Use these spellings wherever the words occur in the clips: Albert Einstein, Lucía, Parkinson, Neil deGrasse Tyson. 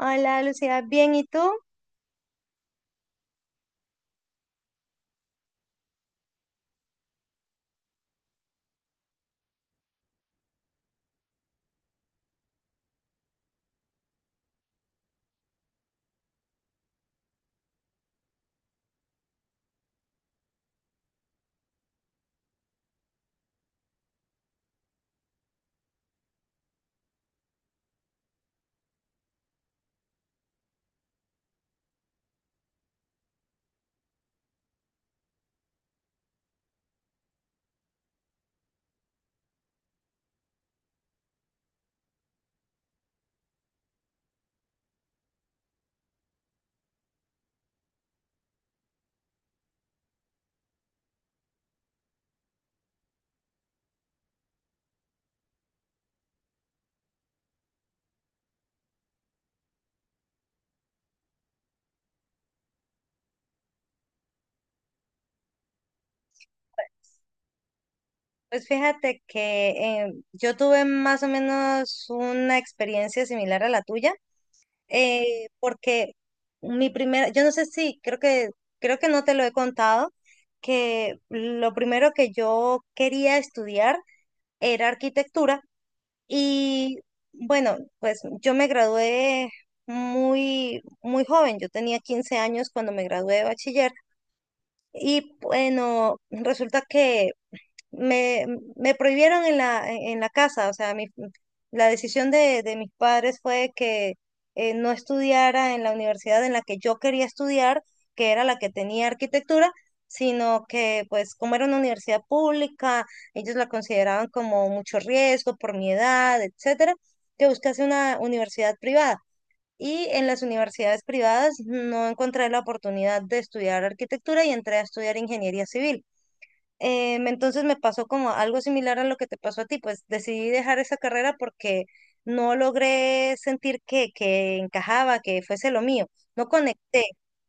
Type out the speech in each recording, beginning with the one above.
Hola Lucía, bien, ¿y tú? Pues fíjate que yo tuve más o menos una experiencia similar a la tuya, porque mi primera, yo no sé si, creo que no te lo he contado, que lo primero que yo quería estudiar era arquitectura. Y bueno, pues yo me gradué muy, muy joven, yo tenía 15 años cuando me gradué de bachiller. Y bueno, resulta que me, me prohibieron en la casa, o sea, la decisión de mis padres fue que no estudiara en la universidad en la que yo quería estudiar, que era la que tenía arquitectura, sino que, pues como era una universidad pública, ellos la consideraban como mucho riesgo por mi edad, etcétera, que buscase una universidad privada. Y en las universidades privadas no encontré la oportunidad de estudiar arquitectura y entré a estudiar ingeniería civil. Entonces me pasó como algo similar a lo que te pasó a ti, pues decidí dejar esa carrera porque no logré sentir que encajaba, que fuese lo mío, no conecté,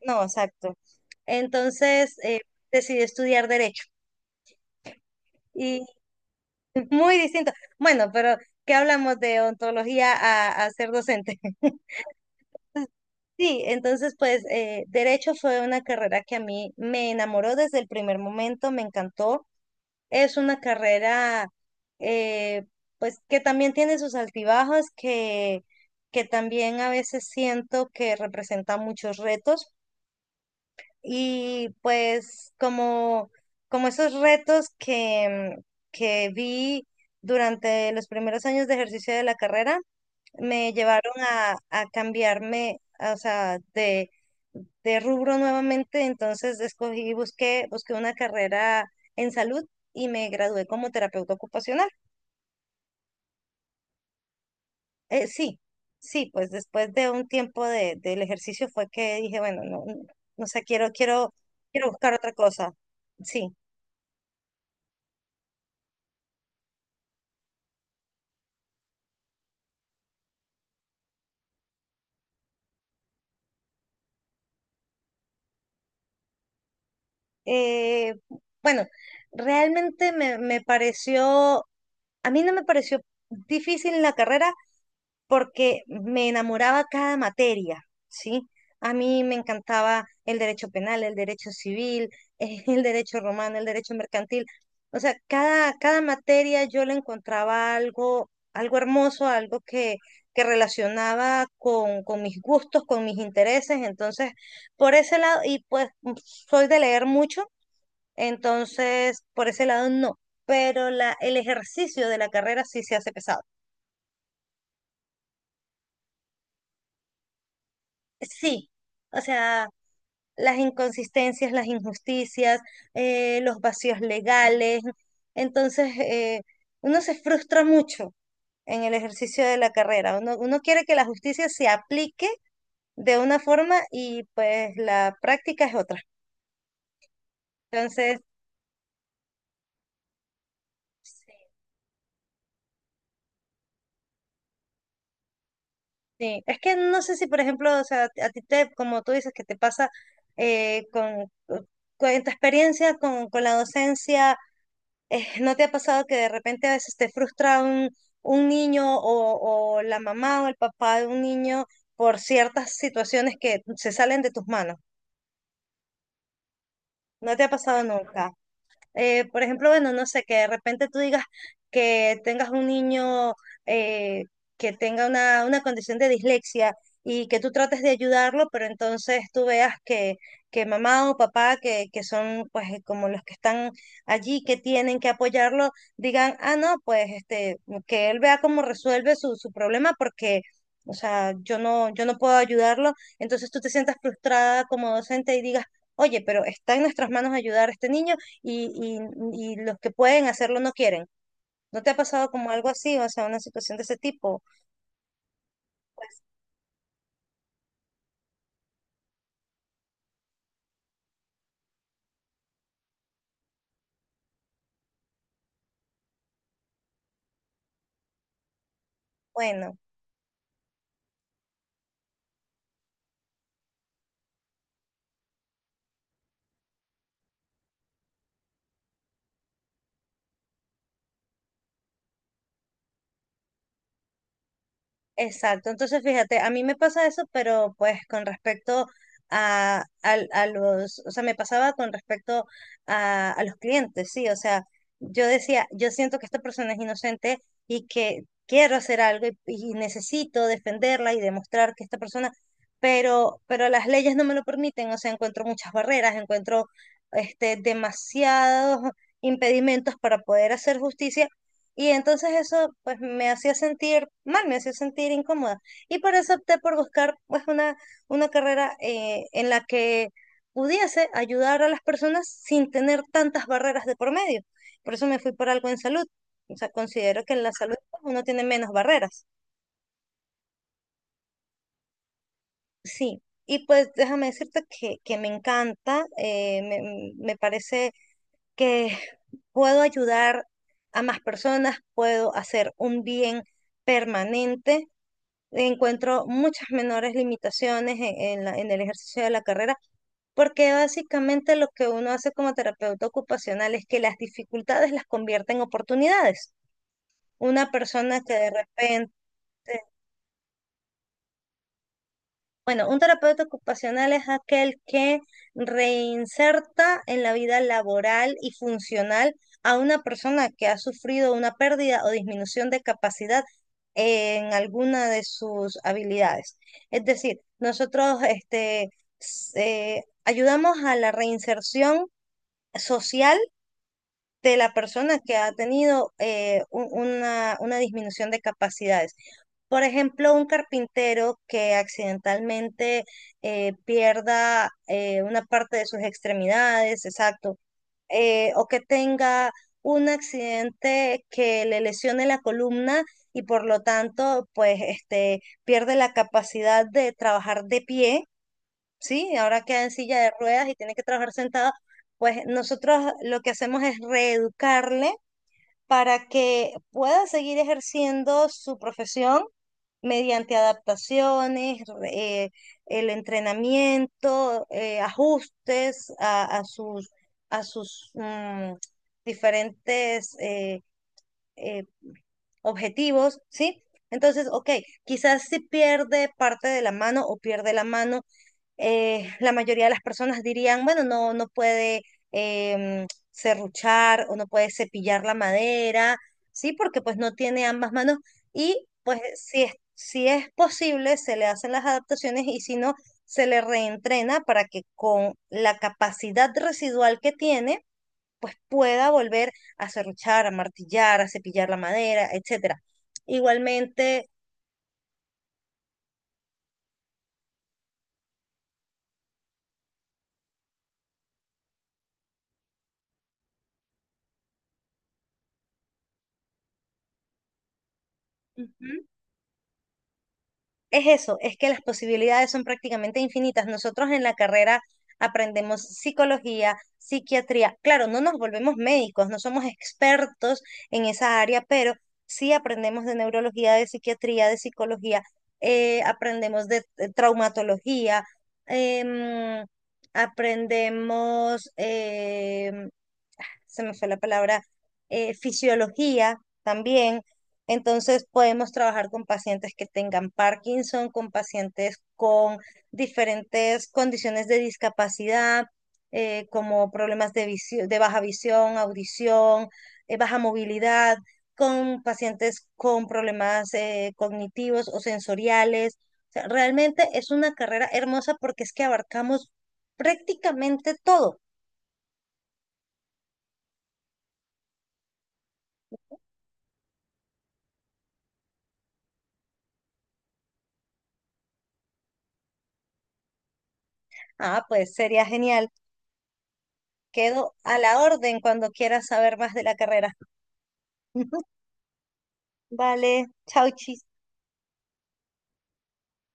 no, exacto. Entonces decidí estudiar derecho y muy distinto. Bueno, pero ¿qué hablamos de ontología a ser docente? Sí, entonces pues derecho fue una carrera que a mí me enamoró desde el primer momento, me encantó. Es una carrera, eh, pues que también tiene sus altibajos, que también a veces siento que representa muchos retos, y pues como, como esos retos que vi durante los primeros años de ejercicio de la carrera, me llevaron a cambiarme, o sea, de rubro nuevamente. Entonces escogí, busqué una carrera en salud y me gradué como terapeuta ocupacional. Sí, sí, pues después de un tiempo de, del ejercicio fue que dije, bueno, no, no, no sé, quiero buscar otra cosa. Sí. Eh, bueno, realmente me pareció, a mí no me pareció difícil la carrera, porque me enamoraba cada materia, ¿sí? A mí me encantaba el derecho penal, el derecho civil, el derecho romano, el derecho mercantil. O sea, cada materia yo le encontraba algo, algo hermoso, algo que relacionaba con mis gustos, con mis intereses. Entonces, por ese lado, y pues soy de leer mucho, entonces por ese lado no. Pero el ejercicio de la carrera sí se hace pesado. Sí, o sea, las inconsistencias, las injusticias, los vacíos legales. Entonces, uno se frustra mucho en el ejercicio de la carrera. Uno quiere que la justicia se aplique de una forma y pues la práctica es otra. Entonces, sí, es que no sé si, por ejemplo, o sea, a ti te, como tú dices, que te pasa con tu experiencia con la docencia. ¿ ¿No te ha pasado que de repente a veces te frustra un niño o la mamá o el papá de un niño por ciertas situaciones que se salen de tus manos? ¿No te ha pasado nunca? Por ejemplo, bueno, no sé, que de repente tú digas que tengas un niño eh, que tenga una condición de dislexia y que tú trates de ayudarlo, pero entonces tú veas que mamá o papá, que son pues como los que están allí, que tienen que apoyarlo, digan, ah, no, pues este, que él vea cómo resuelve su, su problema porque... O sea, yo no, yo no puedo ayudarlo, entonces tú te sientas frustrada como docente y digas, oye, pero está en nuestras manos ayudar a este niño y, y los que pueden hacerlo no quieren. ¿No te ha pasado como algo así, o sea, una situación de ese tipo? Bueno. Exacto, entonces fíjate, a mí me pasa eso, pero pues con respecto a, al- a los, o sea, me pasaba con respecto a los clientes, sí, o sea, yo decía, yo siento que esta persona es inocente y que quiero hacer algo y necesito defenderla y demostrar que esta persona, pero las leyes no me lo permiten, o sea, encuentro muchas barreras, encuentro este, demasiados impedimentos para poder hacer justicia, y entonces eso pues me hacía sentir mal, me hacía sentir incómoda. Y por eso opté por buscar pues una carrera en la que pudiese ayudar a las personas sin tener tantas barreras de por medio. Por eso me fui por algo en salud. O sea, considero que en la salud pues uno tiene menos barreras. Sí. Y pues déjame decirte que me encanta, me parece que puedo ayudar a más personas, puedo hacer un bien permanente, encuentro muchas menores limitaciones en el ejercicio de la carrera, porque básicamente lo que uno hace como terapeuta ocupacional es que las dificultades las convierte en oportunidades. Una persona que de repente... Bueno, un terapeuta ocupacional es aquel que reinserta en la vida laboral y funcional a una persona que ha sufrido una pérdida o disminución de capacidad en alguna de sus habilidades. Es decir, nosotros este, ayudamos a la reinserción social de la persona que ha tenido una disminución de capacidades. Por ejemplo, un carpintero que accidentalmente pierda una parte de sus extremidades, exacto, o que tenga un accidente que le lesione la columna y por lo tanto, pues, este, pierde la capacidad de trabajar de pie. Sí, ahora queda en silla de ruedas y tiene que trabajar sentada, pues nosotros lo que hacemos es reeducarle para que pueda seguir ejerciendo su profesión mediante adaptaciones, el entrenamiento, ajustes a sus diferentes eh, objetivos, ¿sí? Entonces, ok, quizás si pierde parte de la mano o pierde la mano, la mayoría de las personas dirían, bueno, no, no puede serruchar o no puede cepillar la madera, ¿sí? Porque pues no tiene ambas manos, y pues si es, si es posible se le hacen las adaptaciones, y si no, se le reentrena para que con la capacidad residual que tiene, pues pueda volver a serruchar, a martillar, a cepillar la madera, etcétera. Igualmente, ujú. Es eso, es que las posibilidades son prácticamente infinitas. Nosotros en la carrera aprendemos psicología, psiquiatría. Claro, no nos volvemos médicos, no somos expertos en esa área, pero sí aprendemos de neurología, de psiquiatría, de psicología, aprendemos de traumatología, em, aprendemos se me fue la palabra, fisiología también. Entonces podemos trabajar con pacientes que tengan Parkinson, con pacientes con diferentes condiciones de discapacidad, como problemas de de baja visión, audición, baja movilidad, con pacientes con problemas cognitivos o sensoriales. O sea, realmente es una carrera hermosa porque es que abarcamos prácticamente todo. Ah, pues sería genial. Quedo a la orden cuando quieras saber más de la carrera. Vale, chau, chis.